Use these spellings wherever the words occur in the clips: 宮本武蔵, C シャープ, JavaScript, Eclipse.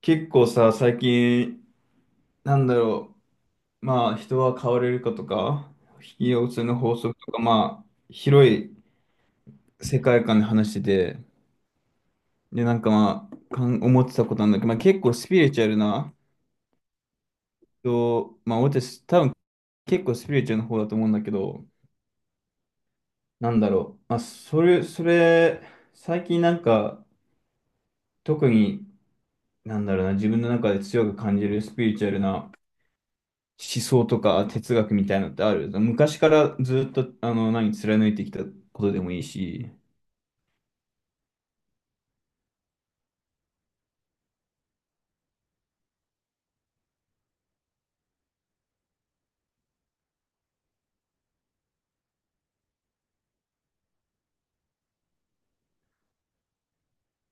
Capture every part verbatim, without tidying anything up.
結構さ、最近、なんだろう、まあ、人は変われるかとか、引き寄せの法則とか、まあ、広い世界観で話してて、で、なんかまあ、かん思ってたことなんだけど、まあ、結構スピリチュアルな人、まあ、私、多分結構スピリチュアルの方だと思うんだけど、なんだろう、まあ、それ、それ、最近なんか、特に、なんだろうな、自分の中で強く感じるスピリチュアルな思想とか哲学みたいなのってある昔からずっと、あの、何、貫いてきたことでもいいし。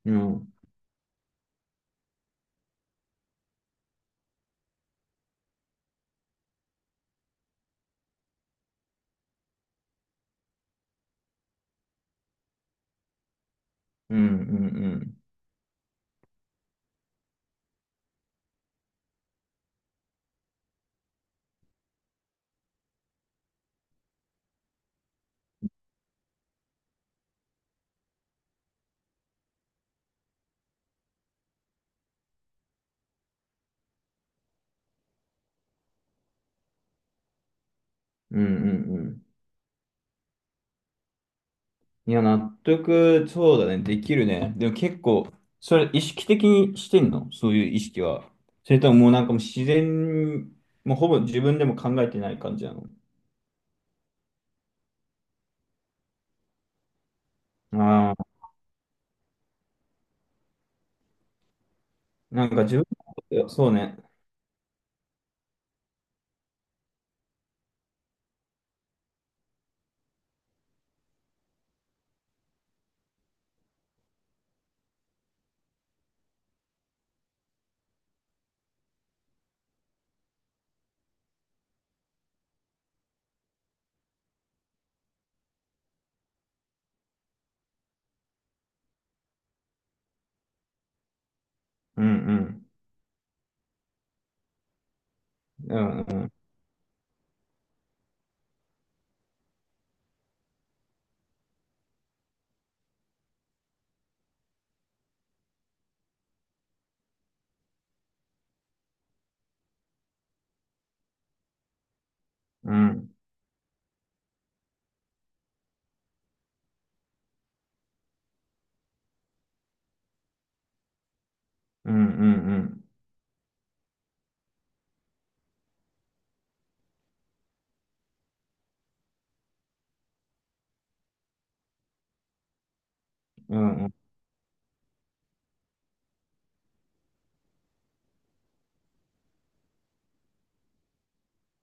うん、うん、うん、うん、うん、うんうん。いや、納得、そうだね、できるね。でも結構、それ意識的にしてんの、そういう意識は。それとももうなんかもう自然、もうほぼ自分でも考えてない感じなの。ああ、なんか自分のこと、そうね。うんうん。うんうん。うんうんうんうん。うんうん。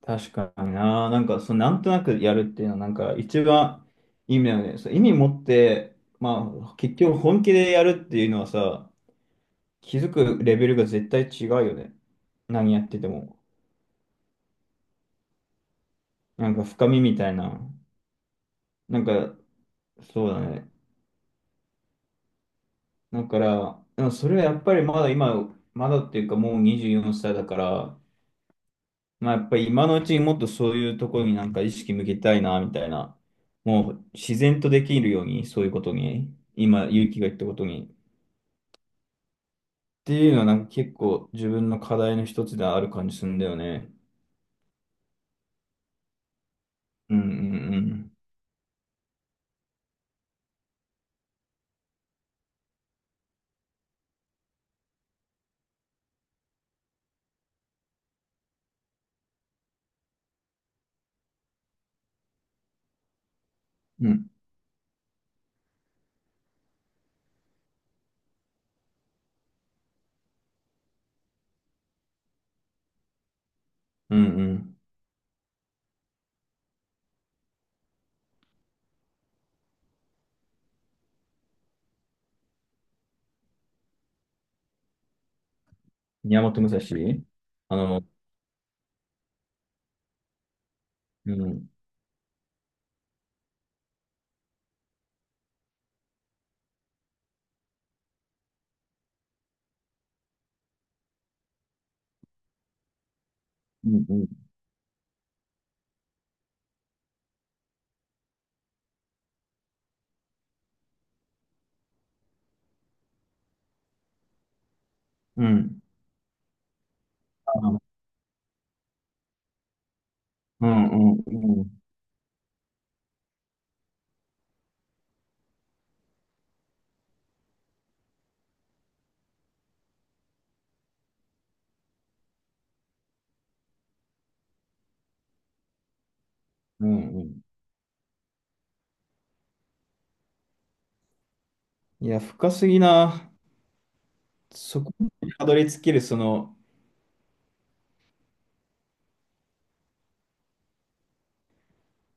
確かにな。なんか、そのなんとなくやるっていうのは、なんか、一番意味だよね。そう、意味持って、まあ、結局本気でやるっていうのはさ、気づくレベルが絶対違うよね。何やってても。なんか、深みみたいな。なんか、そうだね。だから、でもそれはやっぱりまだ今、まだっていうか、もうにじゅうよんさいだから、まあ、やっぱり今のうちにもっとそういうところになんか意識向けたいな、みたいな。もう自然とできるように、そういうことに、今、勇気が言ったことに。っていうのはなんか結構自分の課題の一つである感じするんだよね。うんうんうん。うんうんうん。宮本武蔵、あの、うん。うんうん。うん。あ、うんうんうん。うんうん。いや、深すぎな。そこにたどり着ける、その、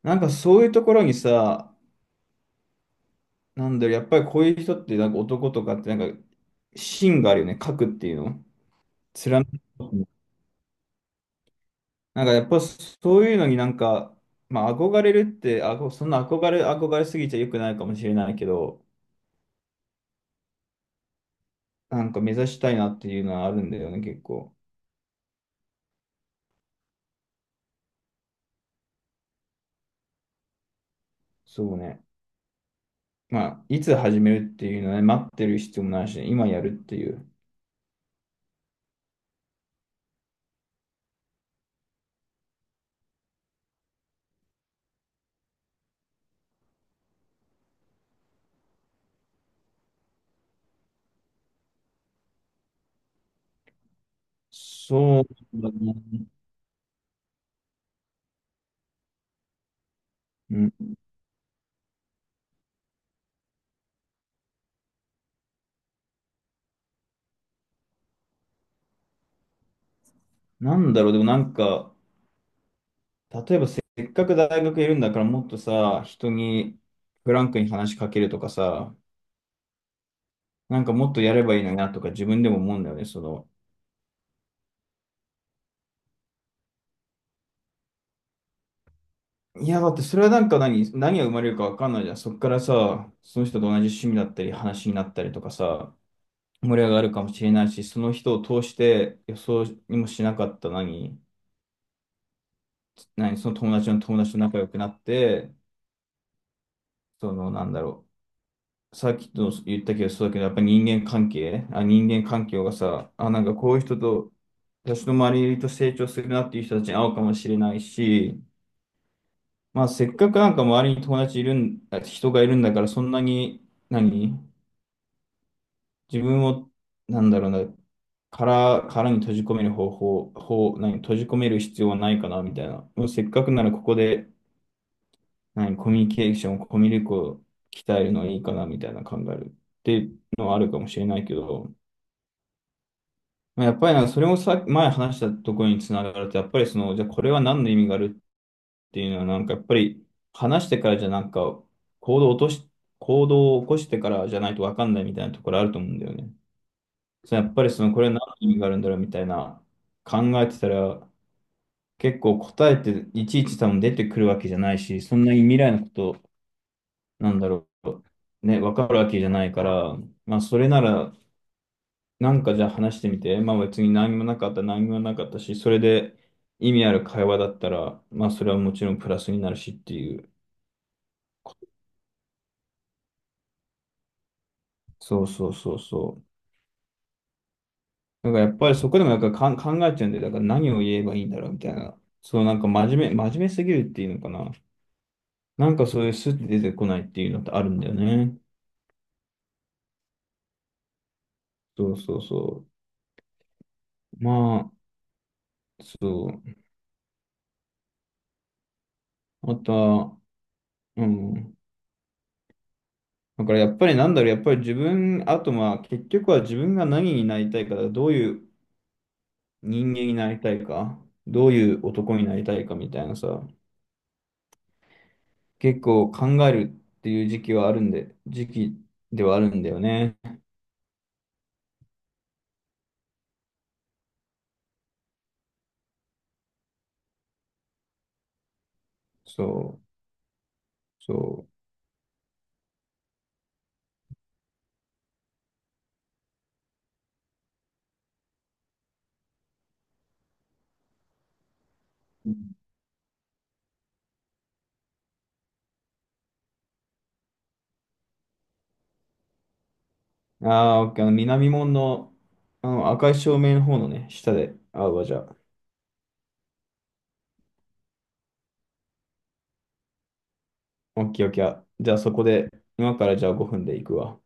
なんかそういうところにさ、なんだろう、やっぱりこういう人って、なんか男とかって、なんか、芯があるよね、書くっていうの。貫く、なんかやっぱそういうのになんか、まあ憧れるって、あご、そんな憧れ、憧れすぎちゃ良くないかもしれないけど、なんか目指したいなっていうのはあるんだよね、結構。そうね。まあ、いつ始めるっていうのはね、待ってる必要もないしね、今やるっていう。そうだね。うん。なんだろう、でもなんか、例えばせっかく大学いるんだからもっとさ、人にフランクに話しかけるとかさ、なんかもっとやればいいのになとか自分でも思うんだよね、その。いや、だってそれはなんか何、何が生まれるかわかんないじゃん。そっからさ、その人と同じ趣味だったり話になったりとかさ、盛り上がるかもしれないし、その人を通して予想にもしなかった何、何、その友達の友達と仲良くなって、そのなんだろう。さっきと言ったけど、そうだけど、やっぱり人間関係、あ、人間環境がさ、あ、なんかこういう人と私の周りと成長するなっていう人たちに会うかもしれないし、まあせっかくなんか周りに友達いるん、あ、人がいるんだからそんなに、何自分を、なんだろうな、殻、殻に閉じ込める方法、方、何閉じ込める必要はないかなみたいな。もうせっかくならここで、何コミュニケーション、コミュ力を鍛えるのはいいかなみたいな考えるっていうのはあるかもしれないけど、まあやっぱりなんかそれもさ、前話したところにつながると、やっぱりその、じゃあこれは何の意味があるっていうのは、なんかやっぱり話してからじゃなんか行動を落とし、行動を起こしてからじゃないとわかんないみたいなところあると思うんだよね。そのやっぱりそのこれは何の意味があるんだろうみたいな考えてたら、結構答えっていちいち多分出てくるわけじゃないし、そんなに未来のことなんだろう。ね、わかるわけじゃないから、まあそれならなんかじゃあ話してみて、まあ別に何もなかった何もなかったし、それで意味ある会話だったら、まあそれはもちろんプラスになるしっていう。そうそうそうそう。なんかやっぱりそこでもなんかかん考えちゃうんで、だから何を言えばいいんだろうみたいな。そう、なんか真面目、真面目すぎるっていうのかな。なんかそういうスッて出てこないっていうのってあるんだよね。そうそうそう。まあ、そう。あとは、うん。だからやっぱりなんだろう、やっぱり自分、あとまあ結局は自分が何になりたいか、どういう人間になりたいか、どういう男になりたいかみたいなさ、結構考えるっていう時期はあるんで、時期ではあるんだよね。そう。そう。ああー、オッケー、あの、南門の、あの、赤い照明の方のね、下で会うわ、じゃあ。オッケー、オッケー。あ、じゃあ、そこで、今からじゃあごふんで行くわ。